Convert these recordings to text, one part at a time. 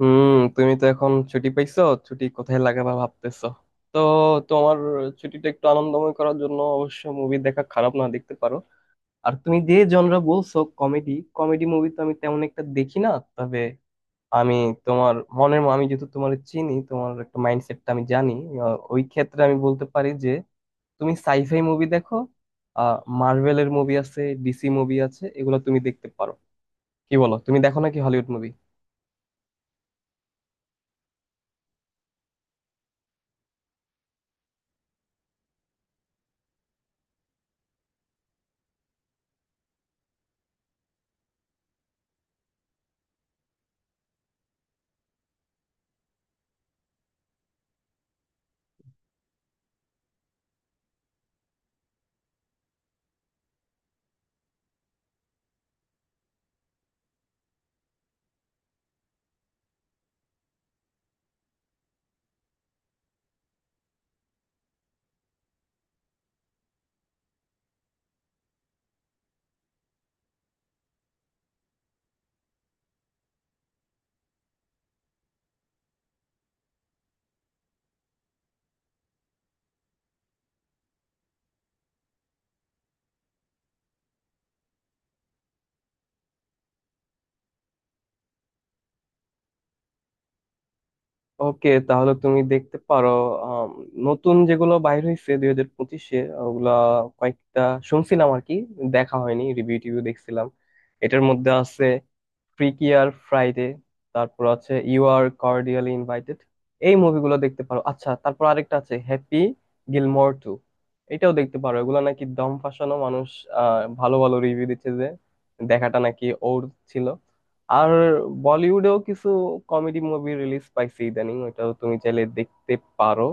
হুম, তুমি তো এখন ছুটি পাইছো। ছুটি কোথায় লাগাবা ভাবতেছো? তো তোমার ছুটিটা একটু আনন্দময় করার জন্য অবশ্য মুভি দেখা খারাপ না, দেখতে পারো। আর তুমি যে জনরা বলছো, কমেডি। কমেডি মুভি তো আমি তেমন একটা দেখি না, তবে আমি তোমার মনের আমি যেহেতু তোমার একটা মাইন্ডসেটটা আমি জানি, ওই ক্ষেত্রে আমি বলতে পারি যে তুমি সাইফাই মুভি দেখো। মার্ভেলের মুভি আছে, ডিসি মুভি আছে, এগুলো তুমি দেখতে পারো। কি বলো, তুমি দেখো নাকি হলিউড মুভি? ওকে, তাহলে তুমি দেখতে পারো। আম, নতুন যেগুলো বাইর হয়েছে 2025-এ, ওগুলা কয়েকটা শুনছিলাম আর কি, দেখা হয়নি, রিভিউ টিভিউ দেখছিলাম। এটার মধ্যে আছে ফ্রিকি আর ফ্রাইডে, তারপর আছে ইউ আর কর্ডিয়ালি ইনভাইটেড। এই মুভিগুলো দেখতে পারো। আচ্ছা, তারপর আরেকটা আছে হ্যাপি গিলমোর টু, এটাও দেখতে পারো। এগুলো নাকি দম ফাসানো মানুষ ভালো ভালো রিভিউ দিচ্ছে যে দেখাটা নাকি ওর ছিল। আর বলিউডেও কিছু কমেডি মুভি রিলিজ পাইছে ইদানিং, ওটাও তুমি চাইলে দেখতে পারো।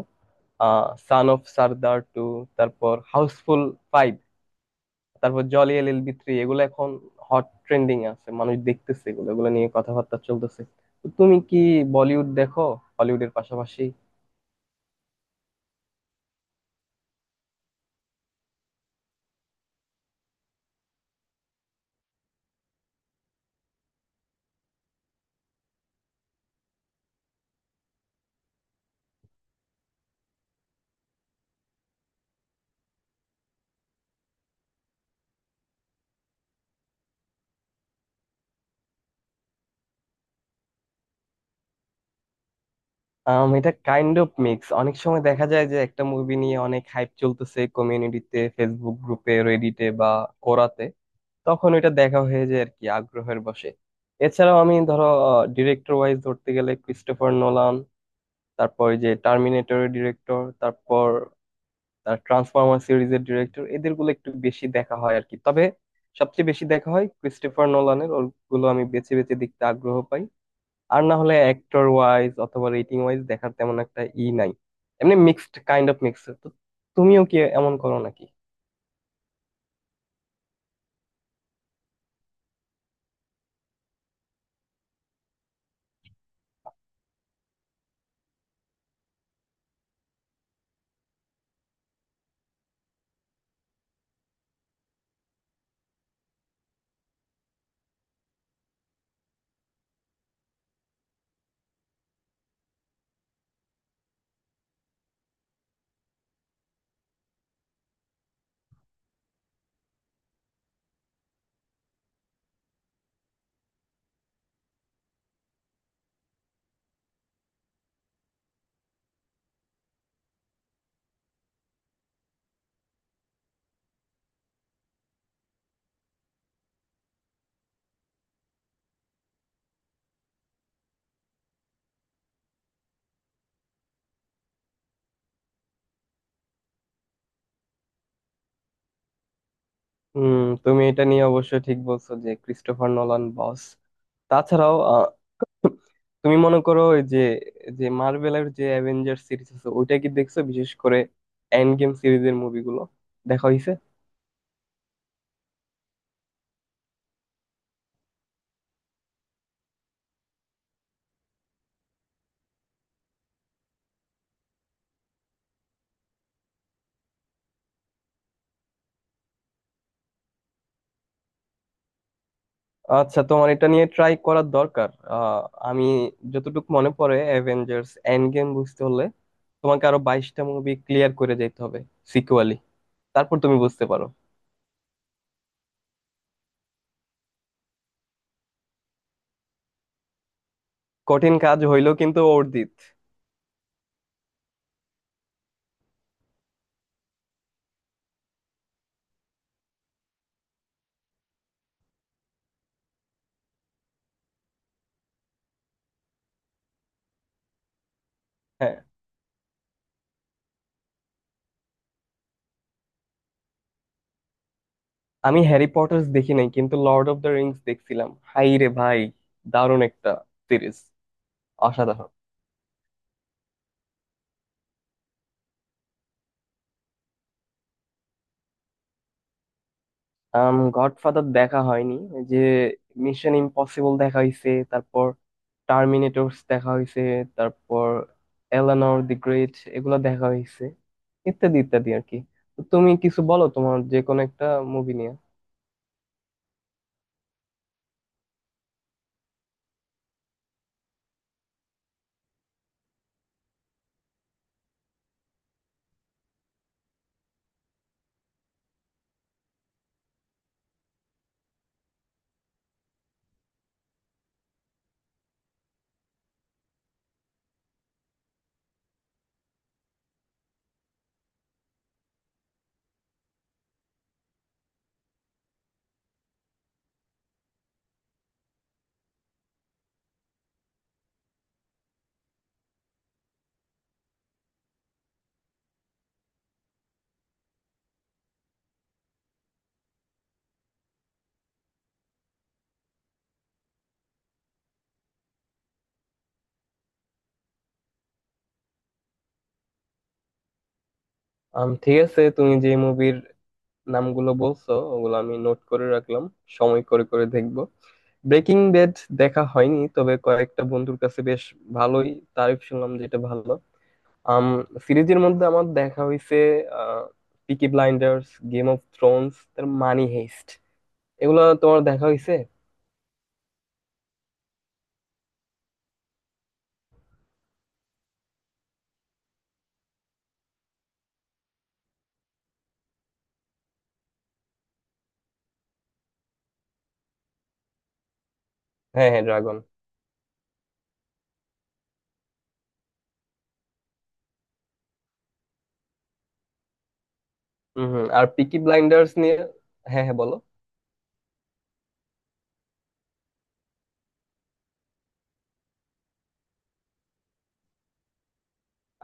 সান অফ সর্দার টু, তারপর হাউসফুল ফাইভ, তারপর Jolly L L B three, এগুলো এখন হট ট্রেন্ডিং আছে, মানুষ দেখতেছে, এগুলো এগুলো নিয়ে কথাবার্তা চলতেছে। তো তুমি কি বলিউড দেখো হলিউডের পাশাপাশি? এটা কাইন্ড অফ মিক্স। অনেক সময় দেখা যায় যে একটা মুভি নিয়ে অনেক হাইপ চলতেছে কমিউনিটিতে, ফেসবুক গ্রুপে, রেডিটে বা কোরাতে, তখন এটা দেখা হয়ে যায় আর কি আগ্রহের বশে। এছাড়াও আমি, ধরো, ডিরেক্টর ওয়াইজ ধরতে গেলে ক্রিস্টোফার নোলান, তারপর ওই যে টার্মিনেটরের ডিরেক্টর, তারপর তার ট্রান্সফরমার সিরিজের ডিরেক্টর, এদেরগুলো একটু বেশি দেখা হয় আর কি। তবে সবচেয়ে বেশি দেখা হয় ক্রিস্টোফার নোলানের, ওগুলো আমি বেছে বেছে দেখতে আগ্রহ পাই। আর না হলে অ্যাক্টর ওয়াইজ অথবা রেটিং ওয়াইজ দেখার তেমন একটা ই নাই, এমনি মিক্সড, কাইন্ড অফ মিক্সড। তো তুমিও কি এমন করো নাকি? হুম, তুমি এটা নিয়ে অবশ্য ঠিক বলছো যে ক্রিস্টোফার নোলান বস। তাছাড়াও তুমি মনে করো ওই যে যে মার্ভেলের যে অ্যাভেঞ্জার সিরিজ আছে ওইটা কি দেখছো? বিশেষ করে এন্ড গেম সিরিজের মুভিগুলো দেখা হয়েছে? আচ্ছা, তোমার এটা নিয়ে ট্রাই করার দরকার। আমি যতটুকু মনে পড়ে, অ্যাভেঞ্জার্স এন্ড গেম বুঝতে হলে তোমাকে আরো 22টা মুভি ক্লিয়ার করে যেতে হবে সিকুয়ালি, তারপর তুমি বুঝতে পারো। কঠিন কাজ হইলো কিন্তু অর্জিত। হ্যাঁ, আমি হ্যারি পটার্স দেখি নাই কিন্তু লর্ড অফ দ্য রিংস দেখছিলাম। হাই রে ভাই, দারুণ একটা সিরিজ, অসাধারণ। আম, গডফাদার দেখা হয়নি। এই যে মিশন ইম্পসিবল দেখা হইছে, তারপর টার্মিনেটরস দেখা হইছে, তারপর এলানোর দি গ্রেট এগুলা দেখা হইছে ইত্যাদি ইত্যাদি আর কি। তো তুমি কিছু বলো তোমার যে কোনো একটা মুভি নিয়ে। আম, ঠিক আছে, তুমি যে মুভির নামগুলো বলছো ওগুলো আমি নোট করে রাখলাম, সময় করে করে দেখবো। ব্রেকিং ব্যাড দেখা হয়নি, তবে কয়েকটা বন্ধুর কাছে বেশ ভালোই তারিফ শুনলাম, যেটা ভালো। আম, সিরিজের মধ্যে আমার দেখা হইছে Peaky Blinders, Game of Thrones, তার মানি হেইস্ট, এগুলো তোমার দেখা হইছে? হ্যাঁ হ্যাঁ, ড্রাগন। হুম হুম, আর পিকি ব্লাইন্ডার্স নিয়ে, হ্যাঁ হ্যাঁ, বলো।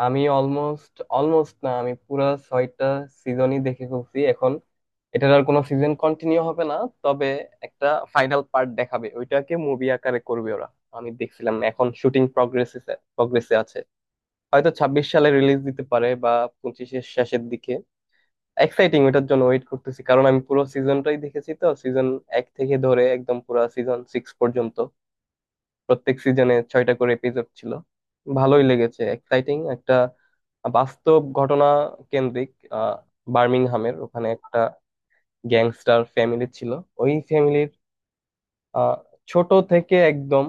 আমি অলমোস্ট অলমোস্ট না আমি পুরা 6টা সিজনই দেখে ফেলছি এখন। এটার আর কোনো সিজন কন্টিনিউ হবে না, তবে একটা ফাইনাল পার্ট দেখাবে, ওইটাকে মুভি আকারে করবে ওরা। আমি দেখছিলাম এখন শুটিং প্রগ্রেসে প্রগ্রেসে আছে। হয়তো 26 সালে রিলিজ দিতে পারে বা 25-এর শেষের দিকে। এক্সাইটিং, ওটার জন্য ওয়েট করতেছি, কারণ আমি পুরো সিজনটাই দেখেছি, তো সিজন 1 থেকে ধরে একদম পুরো সিজন 6 পর্যন্ত। প্রত্যেক সিজনে 6টা করে এপিসোড ছিল। ভালোই লেগেছে, এক্সাইটিং, একটা বাস্তব ঘটনা কেন্দ্রিক। আহ, বার্মিংহামের ওখানে একটা গ্যাংস্টার ফ্যামিলি ছিল, ওই ফ্যামিলির আহ ছোট থেকে একদম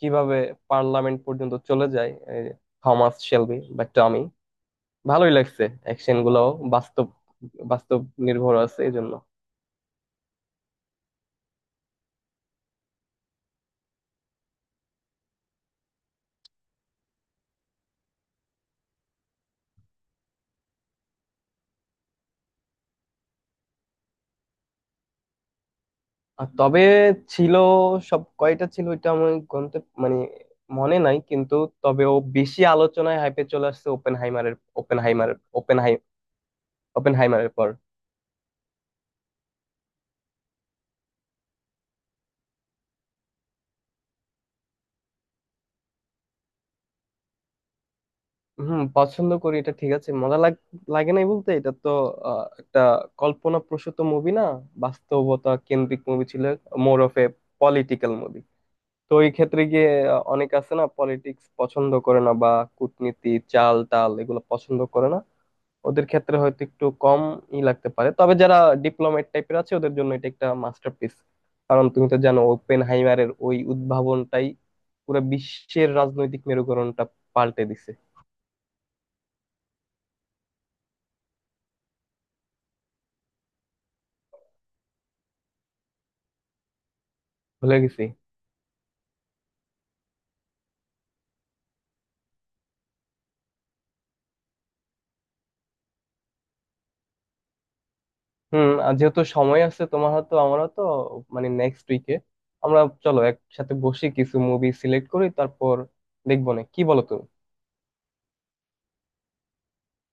কিভাবে পার্লামেন্ট পর্যন্ত চলে যায়, এই থমাস শেলবি বা টমি। ভালোই লাগছে, অ্যাকশন গুলাও বাস্তব, বাস্তব নির্ভর আছে এই জন্য। আর তবে ছিল, সব কয়টা ছিল, এটা আমি গন্তে, মানে মনে নাই কিন্তু। তবে ও বেশি আলোচনায় হাইপে চলে আসছে ওপেন হাইমারের, ওপেন হাইমারের ওপেন হাই ওপেন হাইমারের পর। হুম পছন্দ করি, এটা ঠিক আছে। মজা লাগ লাগে নাই বলতে, এটা তো একটা কল্পনা প্রসূত মুভি না, বাস্তবতা কেন্দ্রিক মুভি ছিল, more of a political movie. তো এই ক্ষেত্রে গিয়ে অনেক আছে না, পলিটিক্স পছন্দ করে না বা কূটনীতি চাল টাল এগুলো পছন্দ করে না, ওদের ক্ষেত্রে হয়তো একটু কম ই লাগতে পারে। তবে যারা ডিপ্লোমেট টাইপের আছে, ওদের জন্য এটা একটা মাস্টারপিস, কারণ তুমি তো জানো ওপেনহাইমারের ওই উদ্ভাবনটাই পুরো বিশ্বের রাজনৈতিক মেরুকরণটা পাল্টে দিছে। ভুলে গেছি। হুম, আর যেহেতু সময় আছে তোমার, হয়তো আমারও তো, মানে নেক্সট উইকে আমরা, চলো একসাথে বসে কিছু মুভি সিলেক্ট করি, তারপর দেখবো। না কি বলো তুমি?